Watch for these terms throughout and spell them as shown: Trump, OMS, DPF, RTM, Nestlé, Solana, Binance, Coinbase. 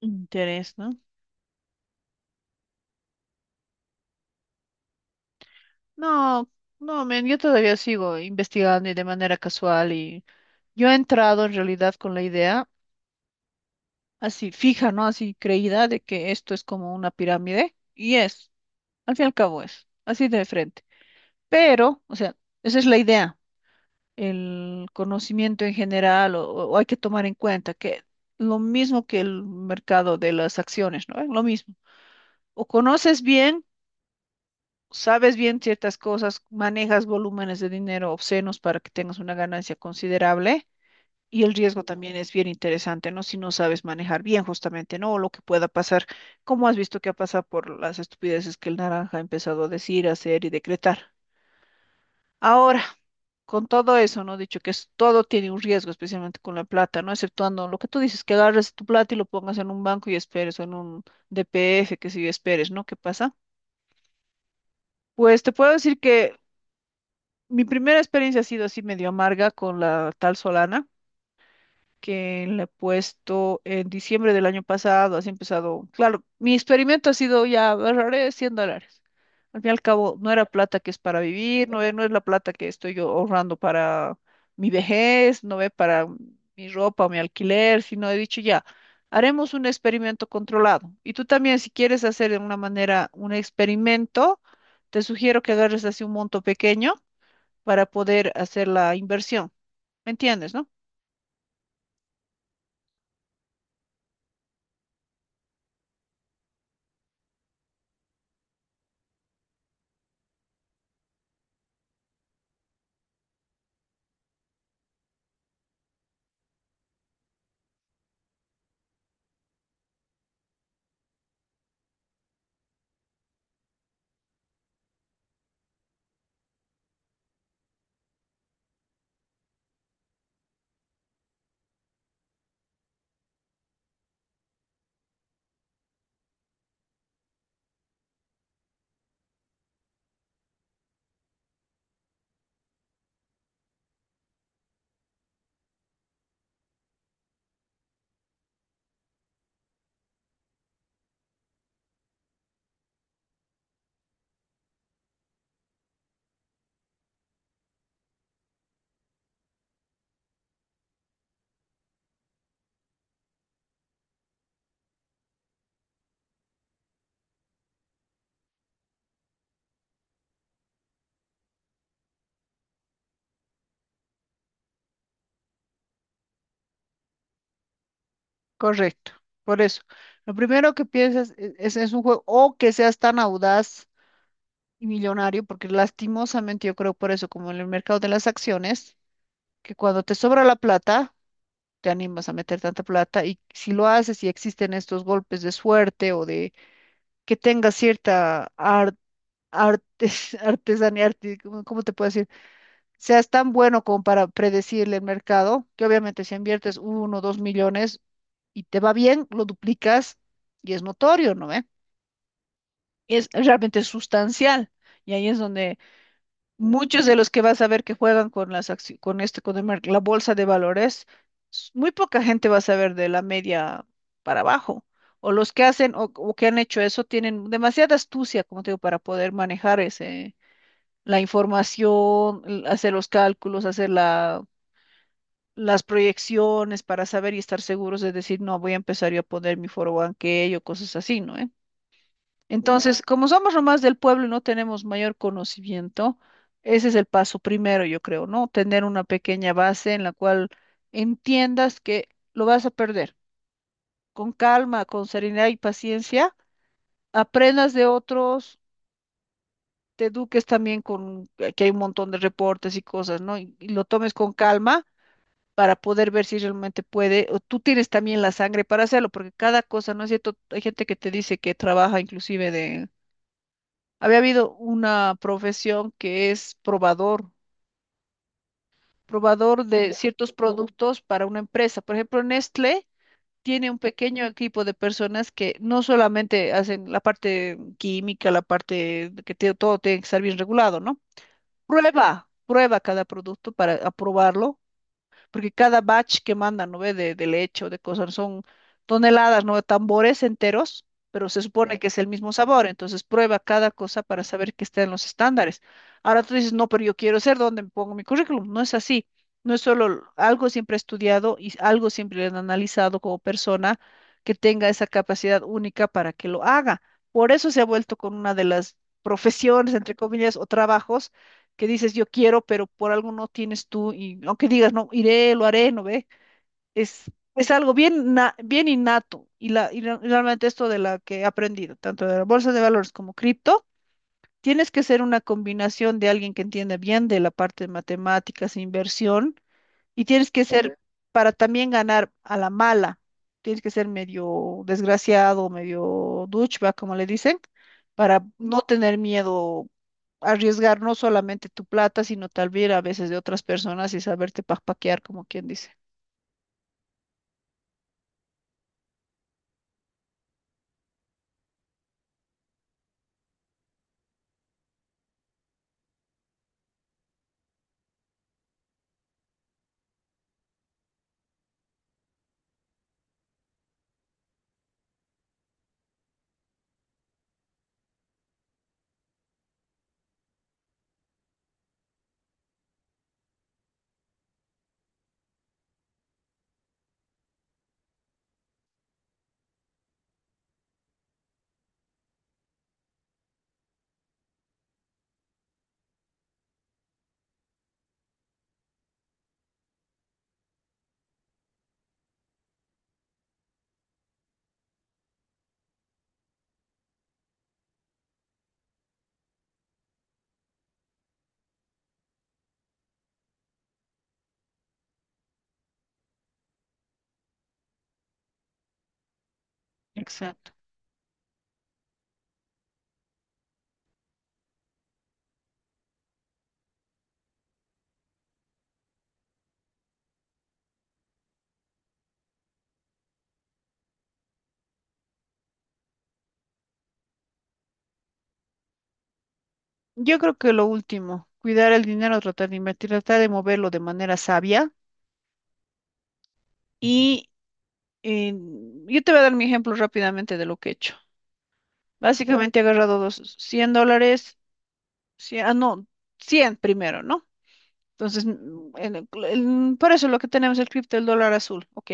Interés, ¿no? No, no, men, yo todavía sigo investigando y de manera casual, y yo he entrado en realidad con la idea así fija, ¿no? Así creída de que esto es como una pirámide y es, al fin y al cabo, es así de frente. Pero, o sea, esa es la idea, el conocimiento en general, o hay que tomar en cuenta que lo mismo que el mercado de las acciones, ¿no? Es lo mismo. O conoces bien, sabes bien ciertas cosas, manejas volúmenes de dinero obscenos para que tengas una ganancia considerable, y el riesgo también es bien interesante, ¿no? Si no sabes manejar bien, justamente, ¿no? O lo que pueda pasar, como has visto que ha pasado por las estupideces que el naranja ha empezado a decir, hacer y decretar. Ahora, con todo eso, ¿no? Dicho que, es, todo tiene un riesgo, especialmente con la plata, ¿no? Exceptuando lo que tú dices, que agarres tu plata y lo pongas en un banco y esperes, o en un DPF, que si esperes, ¿no? ¿Qué pasa? Pues te puedo decir que mi primera experiencia ha sido así medio amarga con la tal Solana, que le he puesto en diciembre del año pasado, así empezado. Claro, mi experimento ha sido, ya, ahorraré $100. Al fin y al cabo, no era plata que es para vivir, no es, no es la plata que estoy yo ahorrando para mi vejez, no es para mi ropa o mi alquiler, sino he dicho, ya, haremos un experimento controlado. Y tú también, si quieres hacer de alguna manera un experimento, te sugiero que agarres así un monto pequeño para poder hacer la inversión. ¿Me entiendes, no? Correcto. Por eso, lo primero que piensas es un juego, o que seas tan audaz y millonario, porque lastimosamente yo creo, por eso, como en el mercado de las acciones, que cuando te sobra la plata, te animas a meter tanta plata, y si lo haces y existen estos golpes de suerte, o de que tengas cierta artesanía, ¿cómo te puedo decir? Seas tan bueno como para predecirle el mercado, que obviamente si inviertes uno o dos millones y te va bien, lo duplicas y es notorio, ¿no ve? Es realmente sustancial. Y ahí es donde muchos de los que vas a ver que juegan con las acci- con este, con el mer- la bolsa de valores, muy poca gente va a saber de la media para abajo. O los que hacen, o que han hecho eso, tienen demasiada astucia, como te digo, para poder manejar ese, la información, hacer los cálculos, hacer la, las proyecciones para saber y estar seguros de decir, no, voy a empezar yo a poner mi, que o cosas así, ¿no, eh? Entonces, como somos nomás del pueblo y no tenemos mayor conocimiento, ese es el paso primero, yo creo, ¿no? Tener una pequeña base en la cual entiendas que lo vas a perder. Con calma, con serenidad y paciencia, aprendas de otros, te eduques también con, que hay un montón de reportes y cosas, ¿no? Y lo tomes con calma para poder ver si realmente puede, o tú tienes también la sangre para hacerlo, porque cada cosa, ¿no es cierto? Hay gente que te dice que trabaja inclusive de. Había habido una profesión que es probador, probador de ciertos productos para una empresa. Por ejemplo, Nestlé tiene un pequeño equipo de personas que no solamente hacen la parte química, la parte de todo tiene que estar bien regulado, ¿no? Prueba, prueba cada producto para aprobarlo, porque cada batch que mandan, ¿no ve? De leche o de cosas, son toneladas, ¿no? Tambores enteros, pero se supone que es el mismo sabor, entonces prueba cada cosa para saber que está en los estándares. Ahora tú dices, no, pero yo quiero ser donde pongo mi currículum, no es así. No es solo algo siempre estudiado y algo siempre analizado, como persona que tenga esa capacidad única para que lo haga. Por eso se ha vuelto con una de las profesiones, entre comillas, o trabajos, que dices yo quiero, pero por algo no tienes tú, y aunque digas no, iré, lo haré, no ve, es, es algo bien, bien innato, y realmente esto, de la que he aprendido, tanto de la bolsa de valores como cripto, tienes que ser una combinación de alguien que entienda bien de la parte de matemáticas e inversión, y tienes que ser, para también ganar a la mala, tienes que ser medio desgraciado, medio douchebag, como le dicen, para no tener miedo a arriesgar no solamente tu plata, sino tal vez a veces de otras personas, y saberte paquear, como quien dice. Exacto. Yo creo que lo último, cuidar el dinero, tratar de invertir, tratar de moverlo de manera sabia. Y eh, yo te voy a dar mi ejemplo rápidamente de lo que he hecho. Básicamente he agarrado dos, $100. Sí, ah, no, 100 primero, ¿no? Entonces, en por eso lo que tenemos el cripto del dólar azul, ok.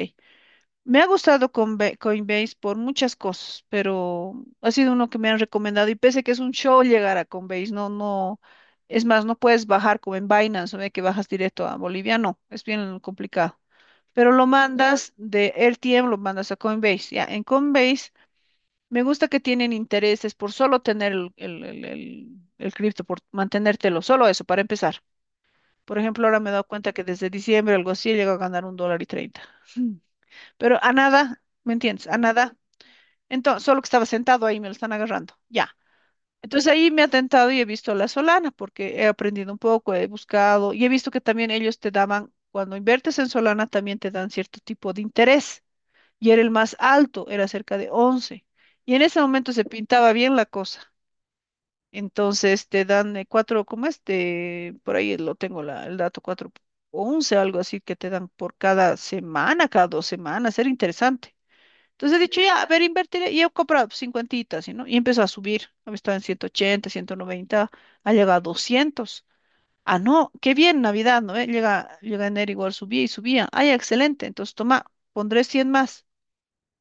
Me ha gustado Coinbase por muchas cosas, pero ha sido uno que me han recomendado, y pese que es un show llegar a Coinbase, no, no, es más, no puedes bajar como en Binance, ¿no? De que bajas directo a Bolivia, no, es bien complicado. Pero lo mandas de RTM, lo mandas a Coinbase, ya, en Coinbase me gusta que tienen intereses por solo tener el cripto, por mantenértelo, solo eso, para empezar. Por ejemplo, ahora me he dado cuenta que desde diciembre algo así llegó a ganar $1.30. Mm. Pero a nada, ¿me entiendes? A nada. Entonces, solo que estaba sentado ahí, me lo están agarrando. Ya. Entonces ahí me ha tentado y he visto la Solana, porque he aprendido un poco, he buscado y he visto que también ellos te daban, cuando inviertes en Solana, también te dan cierto tipo de interés. Y era el más alto, era cerca de 11. Y en ese momento se pintaba bien la cosa. Entonces te dan cuatro, ¿cómo es? Por ahí lo tengo, la, el dato, 4 o 11, algo así que te dan, por cada semana, cada 2 semanas, era interesante. Entonces he dicho, ya, a ver, invertiré, y he comprado cincuentitas, ¿no? Y empezó a subir, había estado en 180, 190, ha llegado a 200. Ah, no, qué bien, Navidad, ¿no ve? Llega, llega enero, igual subía y subía. Ah, ya, excelente, entonces toma, pondré 100 más.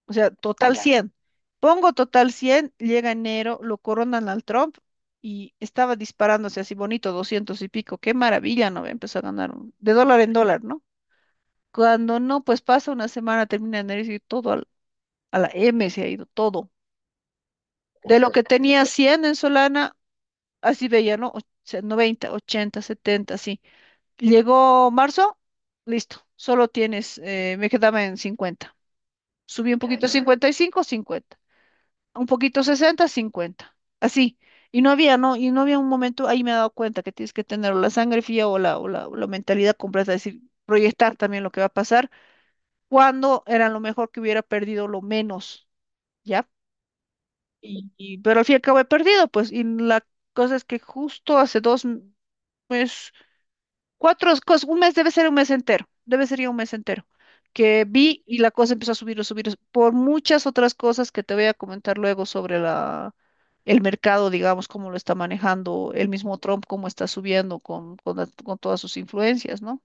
O sea, total Ala. 100. Pongo total 100, llega enero, lo coronan al Trump, y estaba disparándose así bonito, 200 y pico. Qué maravilla, ¿no? Empezó a ganar de dólar en dólar, ¿no? Cuando no, pues pasa una semana, termina enero y todo a la M se ha ido, todo. De lo que tenía 100 en Solana, así veía, ¿no? 90, 80, 70, así. Llegó marzo, listo, solo tienes, me quedaba en 50. Subí un poquito a 55, 50, un poquito, sesenta, cincuenta, así. Y no había, no, y no había un momento, ahí me he dado cuenta que tienes que tener o la sangre fría, o la, o la mentalidad completa, es decir, proyectar también lo que va a pasar, cuando era lo mejor que hubiera perdido lo menos, ¿ya? Pero al fin y al cabo he perdido, pues, y la cosa es que justo hace 2 meses, cuatro cosas, un mes debe ser, un mes entero, debe ser ya un mes entero, que vi y la cosa empezó a subir, por muchas otras cosas que te voy a comentar luego sobre la el mercado, digamos, cómo lo está manejando el mismo Trump, cómo está subiendo con todas sus influencias, ¿no?